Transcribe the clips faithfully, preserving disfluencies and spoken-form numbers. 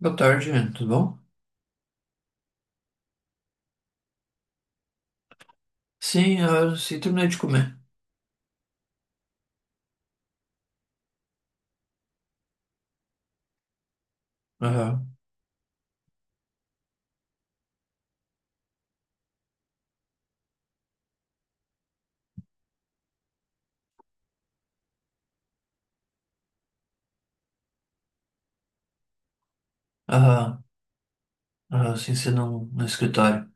Boa tarde, tudo bom? Sim, ah, sim, terminei de comer. Aham, aham, aham, sim, sim, no, no escritório.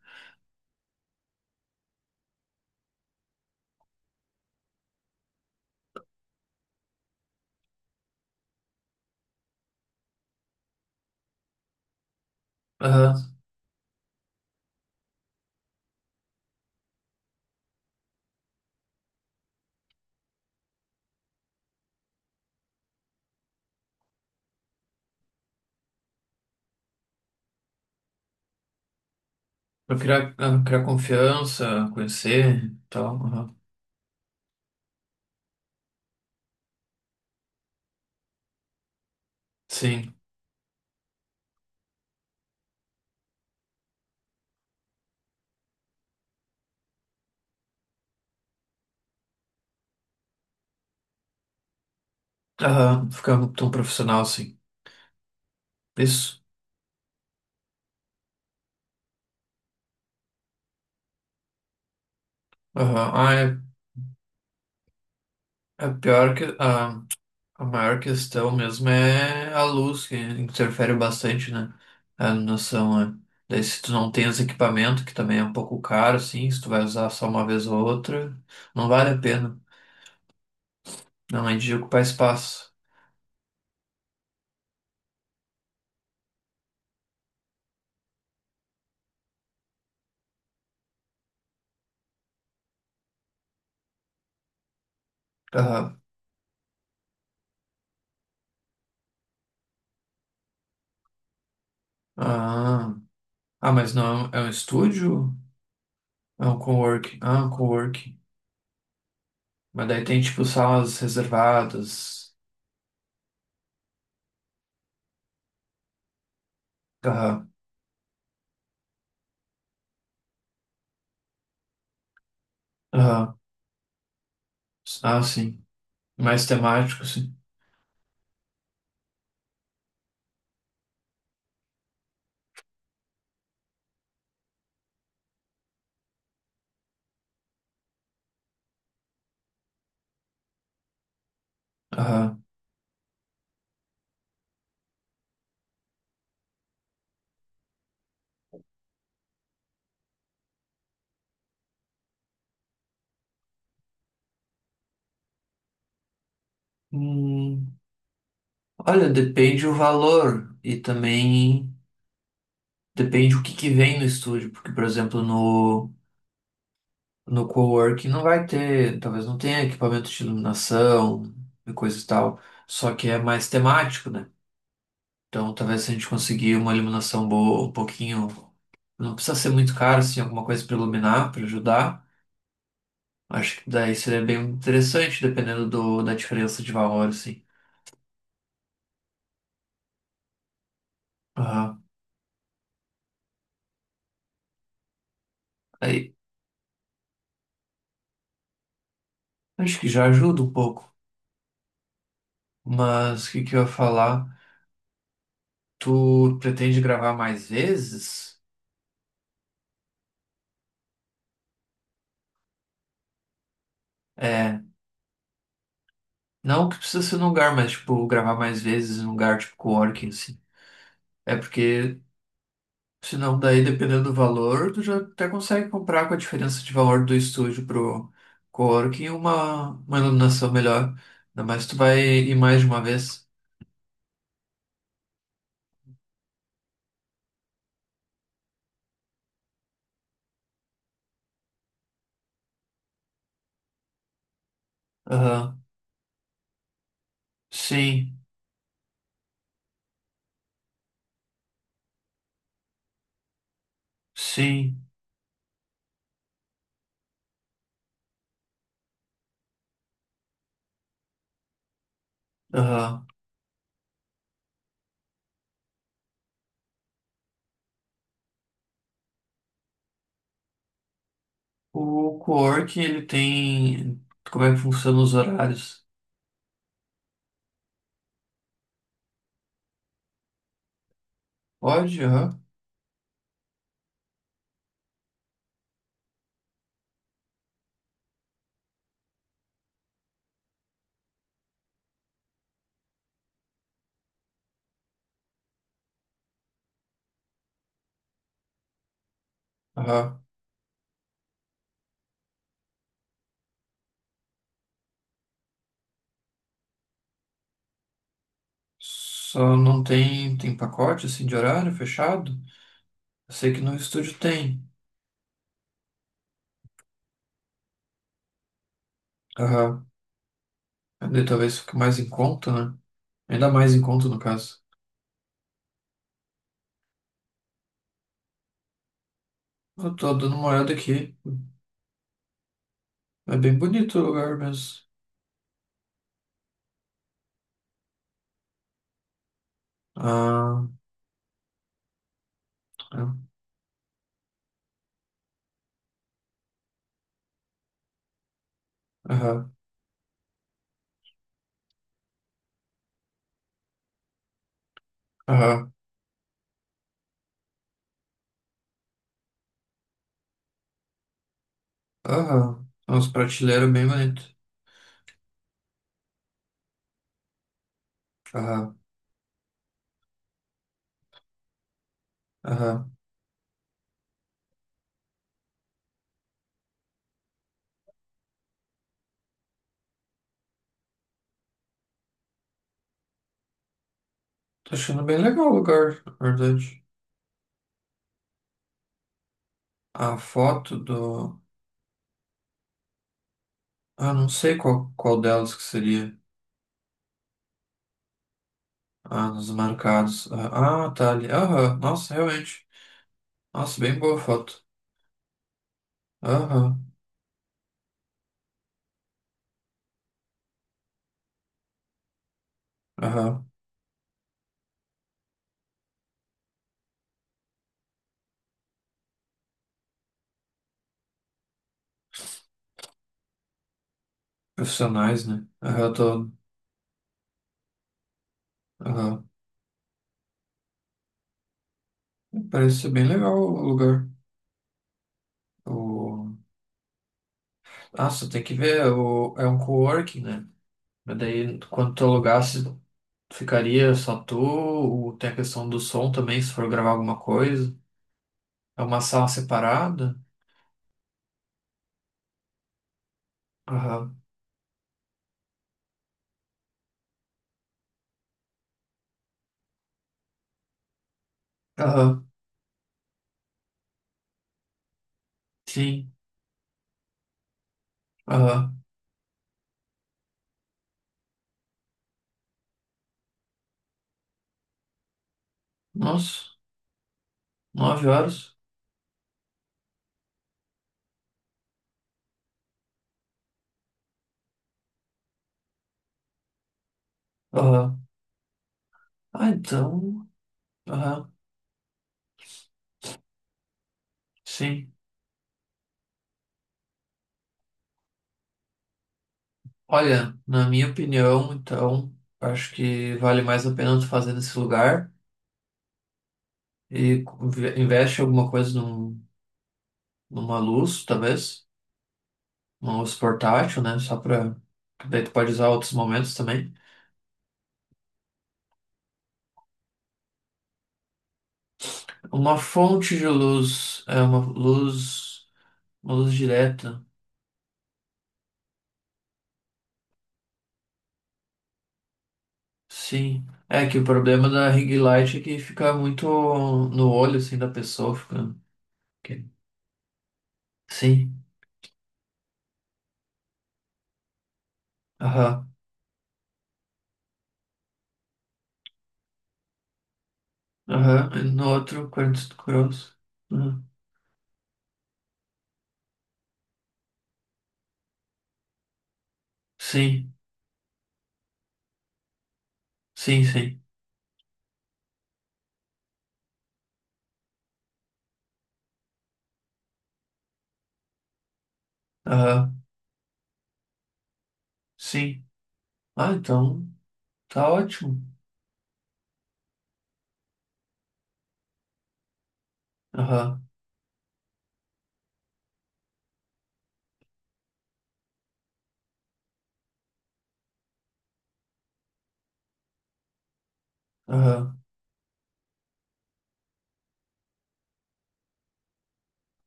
Aham, pra criar, ah, criar confiança, conhecer e tal, aham. Sim, aham, ficar tão profissional assim. Isso, aham. Ah, é, é pior que, ah, a maior questão mesmo é a luz, que interfere bastante, né? A noção, é. Daí se tu não tem os equipamentos, que também é um pouco caro, assim, se tu vai usar só uma vez ou outra, não vale a pena. Não, é de ocupar espaço. Aham. Ah, ah, mas não é um é um estúdio? É um coworking. Ah, um coworking. Mas daí tem tipo salas reservadas. Aham. Aham. Ah, sim. Mais temático, sim. Aham. Hum, Olha, depende o valor e também depende o que que vem no estúdio, porque, por exemplo, no, no coworking não vai ter, talvez não tenha equipamento de iluminação e coisa e tal, só que é mais temático, né? Então, talvez se a gente conseguir uma iluminação boa, um pouquinho. Não precisa ser muito caro, assim, alguma coisa para iluminar, para ajudar. Acho que daí seria bem interessante, dependendo do, da diferença de valor, assim. Aham. Aí, acho que já ajuda um pouco. Mas o que que eu ia falar? Tu pretende gravar mais vezes? É, não que precisa ser num lugar, mas, tipo, gravar mais vezes num lugar tipo coworking, assim. É porque Senão, daí, dependendo do valor, tu já até consegue comprar com a diferença de valor do estúdio pro coworking uma, uma iluminação melhor. Ainda mais tu vai ir mais de uma vez. Aham. Sim, sim. Aham. O coworking, ele tem. Como é que funciona os horários? Pode, aham. Aham. Só não tem, tem pacote, assim, de horário fechado? Eu sei que no estúdio tem. Aham. Daí talvez fique mais em conta, né? Ainda mais em conta, no caso. Eu tô dando uma olhada aqui. É bem bonito o lugar mesmo. Ah, é. Aham, aham, aham. É umas prateleiras bem bonitas. Aham, aham. Tô achando bem legal o lugar, na verdade. A foto do. Ah, não sei qual, qual delas que seria. Ah, nos marcados. Ah, ah, tá ali. Aham, nossa, realmente. Nossa, bem boa foto. Aham, aham. Profissionais, né? Aham, tô. Aham. Parece ser bem legal o lugar. O. Nossa, tem que ver, o- é um coworking, né? Mas daí, quando tu alugasse, ficaria só tu, ou tem a questão do som também, se for gravar alguma coisa. É uma sala separada? Aham, aham, sim, aham. Nossa, nove horas? Aham. Ah, então, aham, sim. Olha, na minha opinião, então, acho que vale mais a pena tu fazer nesse lugar e co- ve- investe alguma coisa num, numa luz, talvez. Mouse portátil, né? Só para. Daí tu pode usar outros momentos também. Uma fonte de luz. É uma luz. Uma luz direta. Sim. É que o problema da ring light é que fica muito no olho, assim, da pessoa. Fica. que- Sim. Aham. Aham. E no outro, quarenta e cinco graus. Aham. Sim. Sim, sim. Aham. Sim. Ah, então. Tá ótimo. Aham. Aham.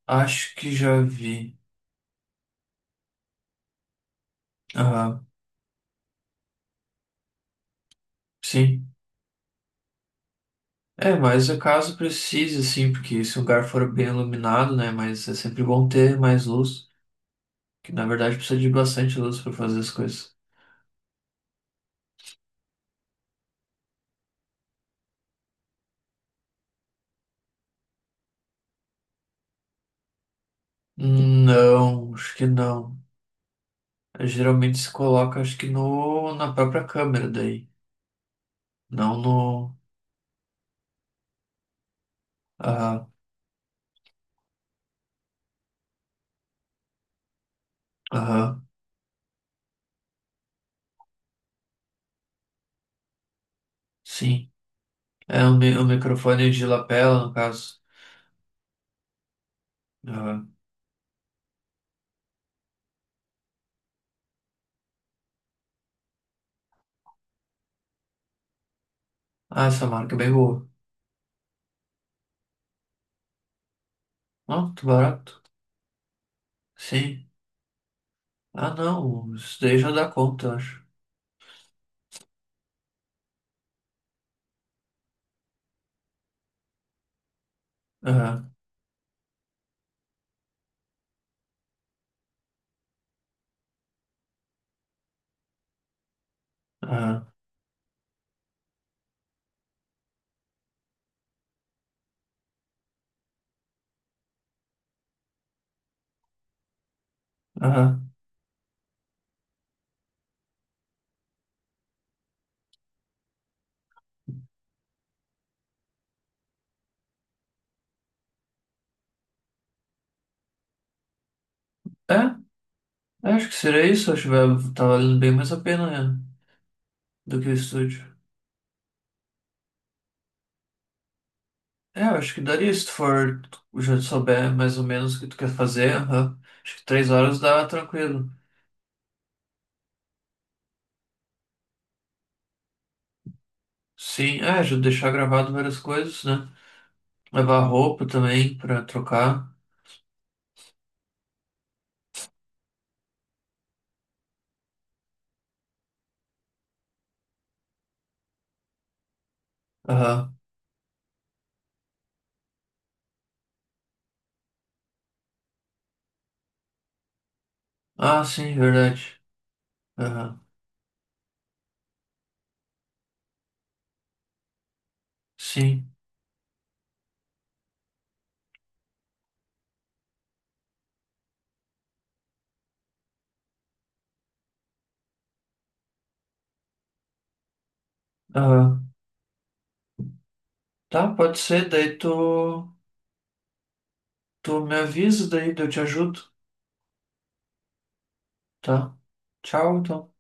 Acho que já vi. Aham. Sim. É, mas o caso precise, sim, porque se o lugar for bem iluminado, né? Mas é sempre bom ter mais luz, que na verdade precisa de bastante luz para fazer as coisas. Hum, Não, acho que não. Eh, Geralmente se coloca, acho que no, na própria câmera daí, não no. Aham, aham, sim. É o, mi- o microfone de lapela, no caso. Aham. Ah, essa marca é bem boa. Não, muito barato. Sim. Ah, não, isso daí já dá conta, eu acho. Aham, aham, aham. É, eu acho que seria isso, acho que vai- tá valendo bem mais a pena, né, do que o estúdio. É, eu acho que daria se tu for, tu já souber mais ou menos o que tu quer fazer, aham. Acho que três horas dá tranquilo. Sim, é, já deixar gravado várias coisas, né? Levar roupa também pra trocar. Aham. Ah, sim, verdade. Aham. Sim. Aham. Tá, pode ser, daí tu, tu, me avisa, daí eu te ajudo, tá? Tchau, então.